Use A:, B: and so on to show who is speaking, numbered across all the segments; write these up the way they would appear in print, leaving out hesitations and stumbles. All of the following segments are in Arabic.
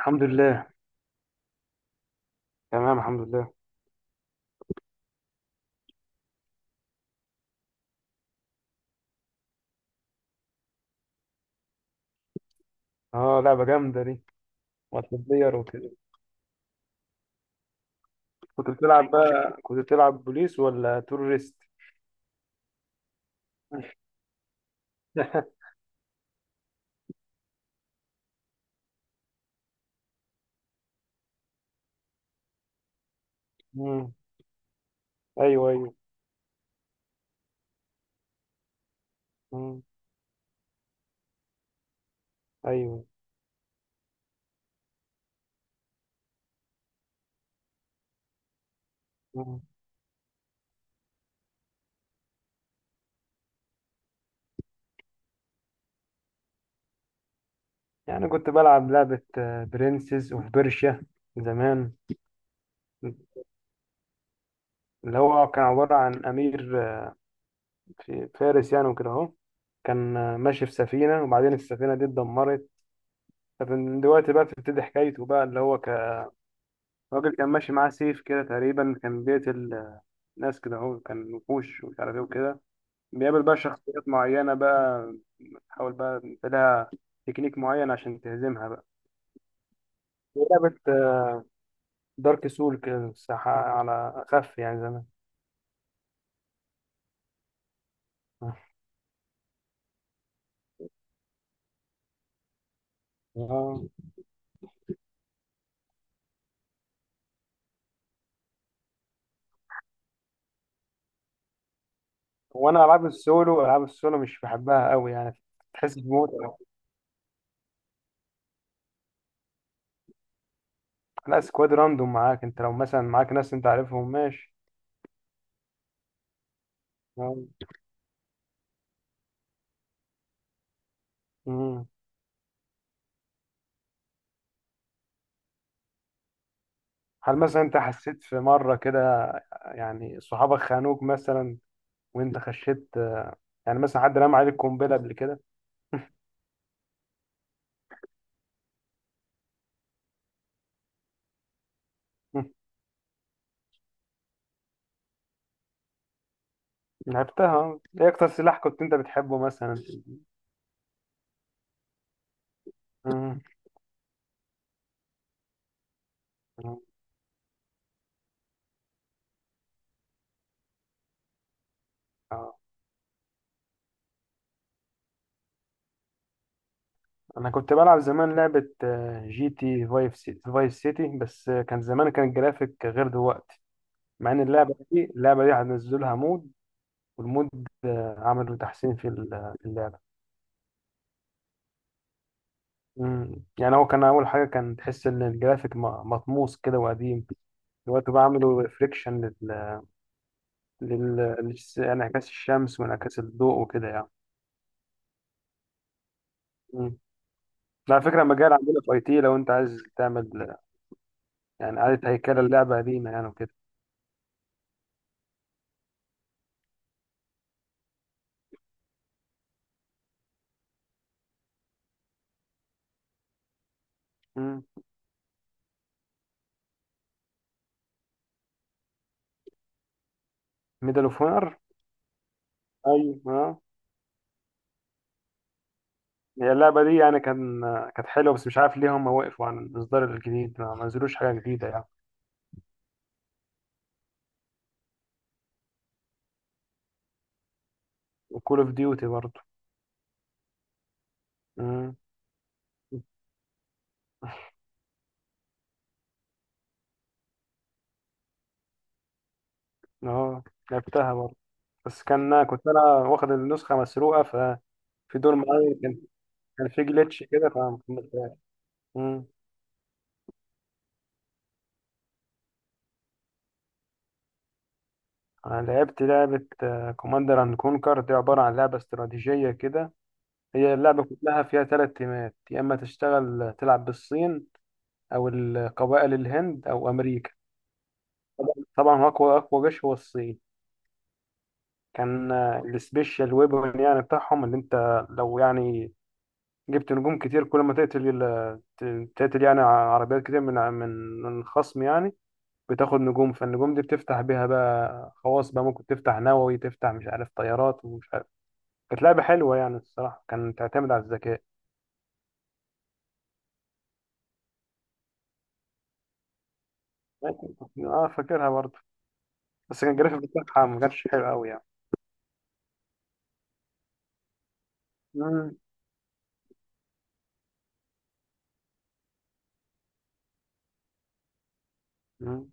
A: الحمد لله. تمام الحمد لله. اه، لعبة جامدة دي. مالتي بلاير وكده. كنت بتلعب بوليس ولا تورست؟ مم. ايوه ايوه. مم. ايوه. مم. يعني كنت بلعب لعبة برنسز اوف بيرشيا زمان. اللي هو كان عبارة عن أمير، في فارس يعني وكده أهو. كان ماشي في سفينة، وبعدين السفينة دي اتدمرت. فمن دلوقتي بقى بتبتدي حكايته بقى اللي هو كراجل، كان ماشي معاه سيف كده تقريبا، كان بيقتل ناس كده اهو، كان وحوش ومش عارف ايه وكده. بيقابل بقى شخصيات معينة بقى، تحاول بقى انت لها تكنيك معين عشان تهزمها بقى. لعبة دارك سول كده الساحة على أخف يعني زمان. آه. وأنا ألعاب السولو مش بحبها قوي يعني. تحس بموت. لا، سكواد راندوم معاك، أنت لو مثلا معاك ناس أنت عارفهم ماشي. آه. مم. هل مثلا أنت حسيت في مرة كده؟ يعني صحابك خانوك مثلا وانت خشيت، يعني مثلا حد رمى عليك قنبله قبل كده؟ مم. لعبتها اه. ايه اكتر سلاح كنت انت بتحبه مثلا؟ مم. مم. آه. انا كنت بلعب زمان لعبه، جي تي فايف فايس سيتي، بس كان زمان، كان الجرافيك غير دلوقتي. مع ان اللعبه دي هنزلوا لها مود. والمود، عملوا تحسين في في اللعبه. مم. يعني هو كان اول حاجه، كان تحس ان الجرافيك مطموس كده وقديم. دلوقتي بقى عملوا ريفليكشن انعكاس الشمس وانعكاس الضوء وكده يعني. مم. على فكرة مجال عندنا في اي تي لو انت عايز تعمل يعني إعادة هيكلة اللعبة قديمة يعني وكده. ميدل اوف اونر. ايوه آه. هي اللعبة دي يعني كان، كانت حلوة بس مش عارف ليه هم وقفوا عن الإصدار الجديد، ما نزلوش حاجة جديدة يعني. وكول اوف ديوتي برضه. مم. اه، لعبتها برضه. بس كان كنت أنا واخد النسخة مسروقة، ففي دور معين كان، كان في جليتش كده فما كملتهاش. أنا لعبت لعبة كوماندر أند كونكر، دي عبارة عن لعبة استراتيجية كده. هي اللعبة كلها فيها تلات تيمات، يا إما تشتغل، تلعب بالصين أو القبائل الهند أو أمريكا. طبعا طبعاً أقوى أقوى جيش هو الصين. كان، السبيشال ويبن يعني بتاعهم، اللي أنت لو يعني جبت نجوم كتير كل ما تقتل تقتل يعني عربيات كتير من الخصم يعني، بتاخد نجوم، فالنجوم دي بتفتح بيها بقى خواص، بقى ممكن تفتح نووي، تفتح مش عارف طيارات ومش عارف. كانت لعبة حلوة يعني الصراحة، كان تعتمد على الذكاء. اه، فاكرها برضه. بس كان الجرافيك بتاعها ما كانش حلو قوي يعني. مم. مم.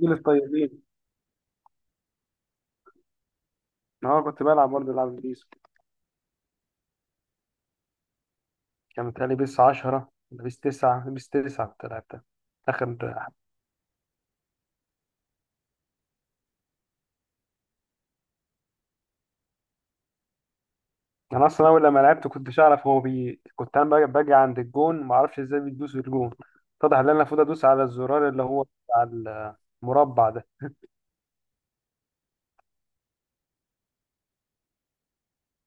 A: جيل الطيبين. اه، كنت بلعب برضه العاب بيس. كان متهيألي بيس 10 ولا بيس 9، بيس 9 كنت لعبتها. اخر. انا اصلا اول لما لعبت كنتش اعرف، هو بي كنت انا باجي عند الجون، ما اعرفش ازاي بيدوس الجون. اتضح ان انا المفروض ادوس على الزرار اللي هو بتاع المربع ده.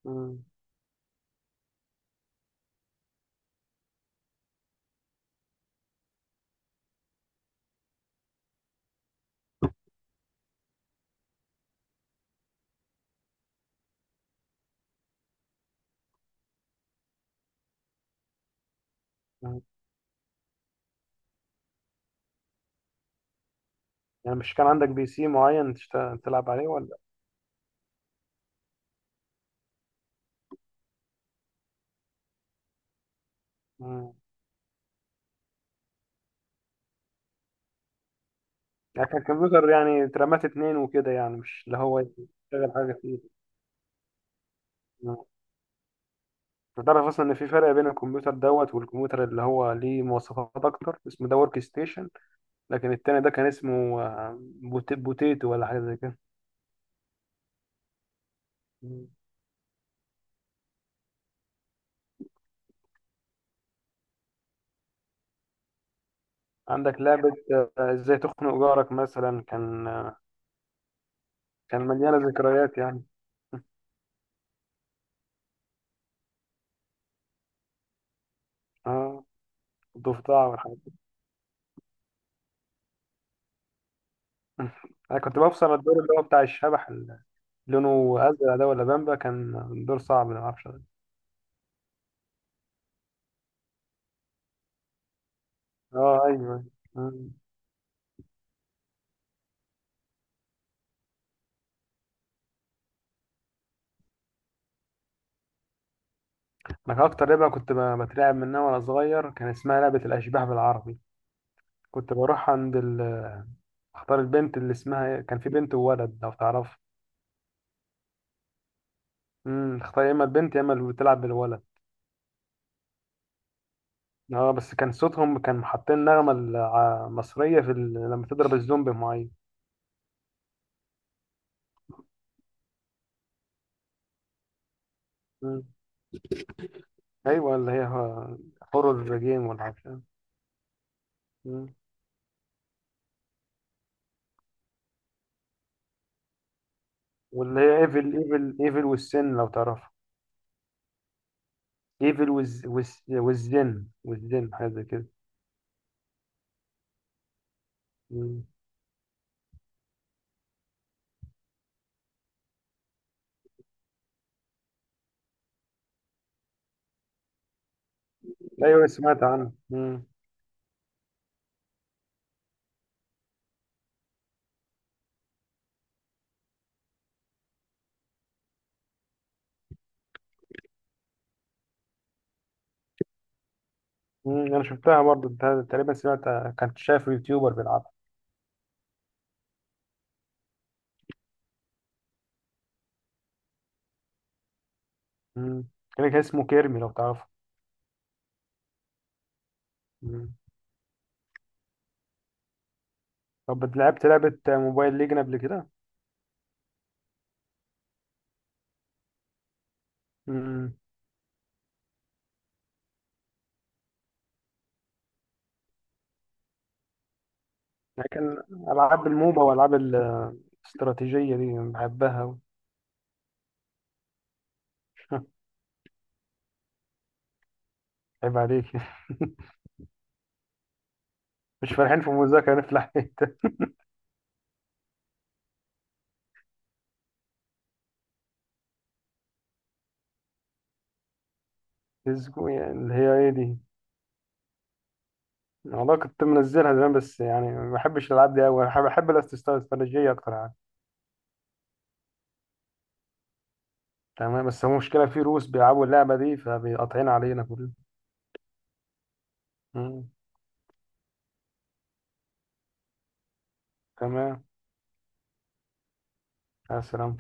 A: مم. مم. يعني مش كان عندك بي سي معين تلعب عليه ولا؟ مم. يعني كان الكمبيوتر يعني اترمات اتنين وكده، يعني مش اللي هو يشتغل حاجة فيه. آه. تعرف أصلا إن في فرق بين الكمبيوتر دوت والكمبيوتر اللي هو ليه مواصفات أكتر، اسمه ده ورك ستيشن. لكن التاني ده كان اسمه، بوتيتو ولا حاجة زي كده. مم. عندك لعبة، إزاي تخنق جارك مثلا، كان، كان مليانة ذكريات يعني. اه، الضفدع والحاجات دي. انا كنت بفصل الدور اللي هو بتاع الشبح، اللي لونه ازرق ده ولا بامبا كان. دور صعب ما اعرفش. اه ايوه. أيوه. انا اكتر لعبه كنت بترعب منها وانا صغير، كان اسمها لعبه الاشباح بالعربي. كنت بروح عند اختار البنت اللي اسمها إيه، كان في بنت وولد لو تعرف. اختار يا اما البنت يا اما اللي بتلعب بالولد. اه، بس كان صوتهم، كان حاطين نغمه مصريه في لما تضرب الزومبي معين. امم. ايوه، اللي هي هورر جيم ولا عارف إيه. أمم. واللي هي ايفل ايفل ايفل والسن لو تعرف. ايفل والزن حاجه زي كده. أمم. ايوه سمعت عنه. مم، انا شفتها برضو تقريبا سمعت، كنت شايف يوتيوبر بيلعبها. مم. كان اسمه كيرمي لو تعرفه. مم. طب لعبت لعبة موبايل ليجن قبل كده؟ مم. لكن العاب الموبا والعاب الاستراتيجية دي بحبها أوي. عيب عليك مش فالحين في المذاكرة نفلح. الزقوم يعني اللي هي ايه دي. والله كنت منزلها زمان، بس يعني ما بحبش الالعاب دي قوي، بحب الاستراتيجية اكتر يعني. تمام، بس هو مشكلة في روس بيلعبوا اللعبة دي فبيقطعين علينا كلنا. مم. تمام. السلام.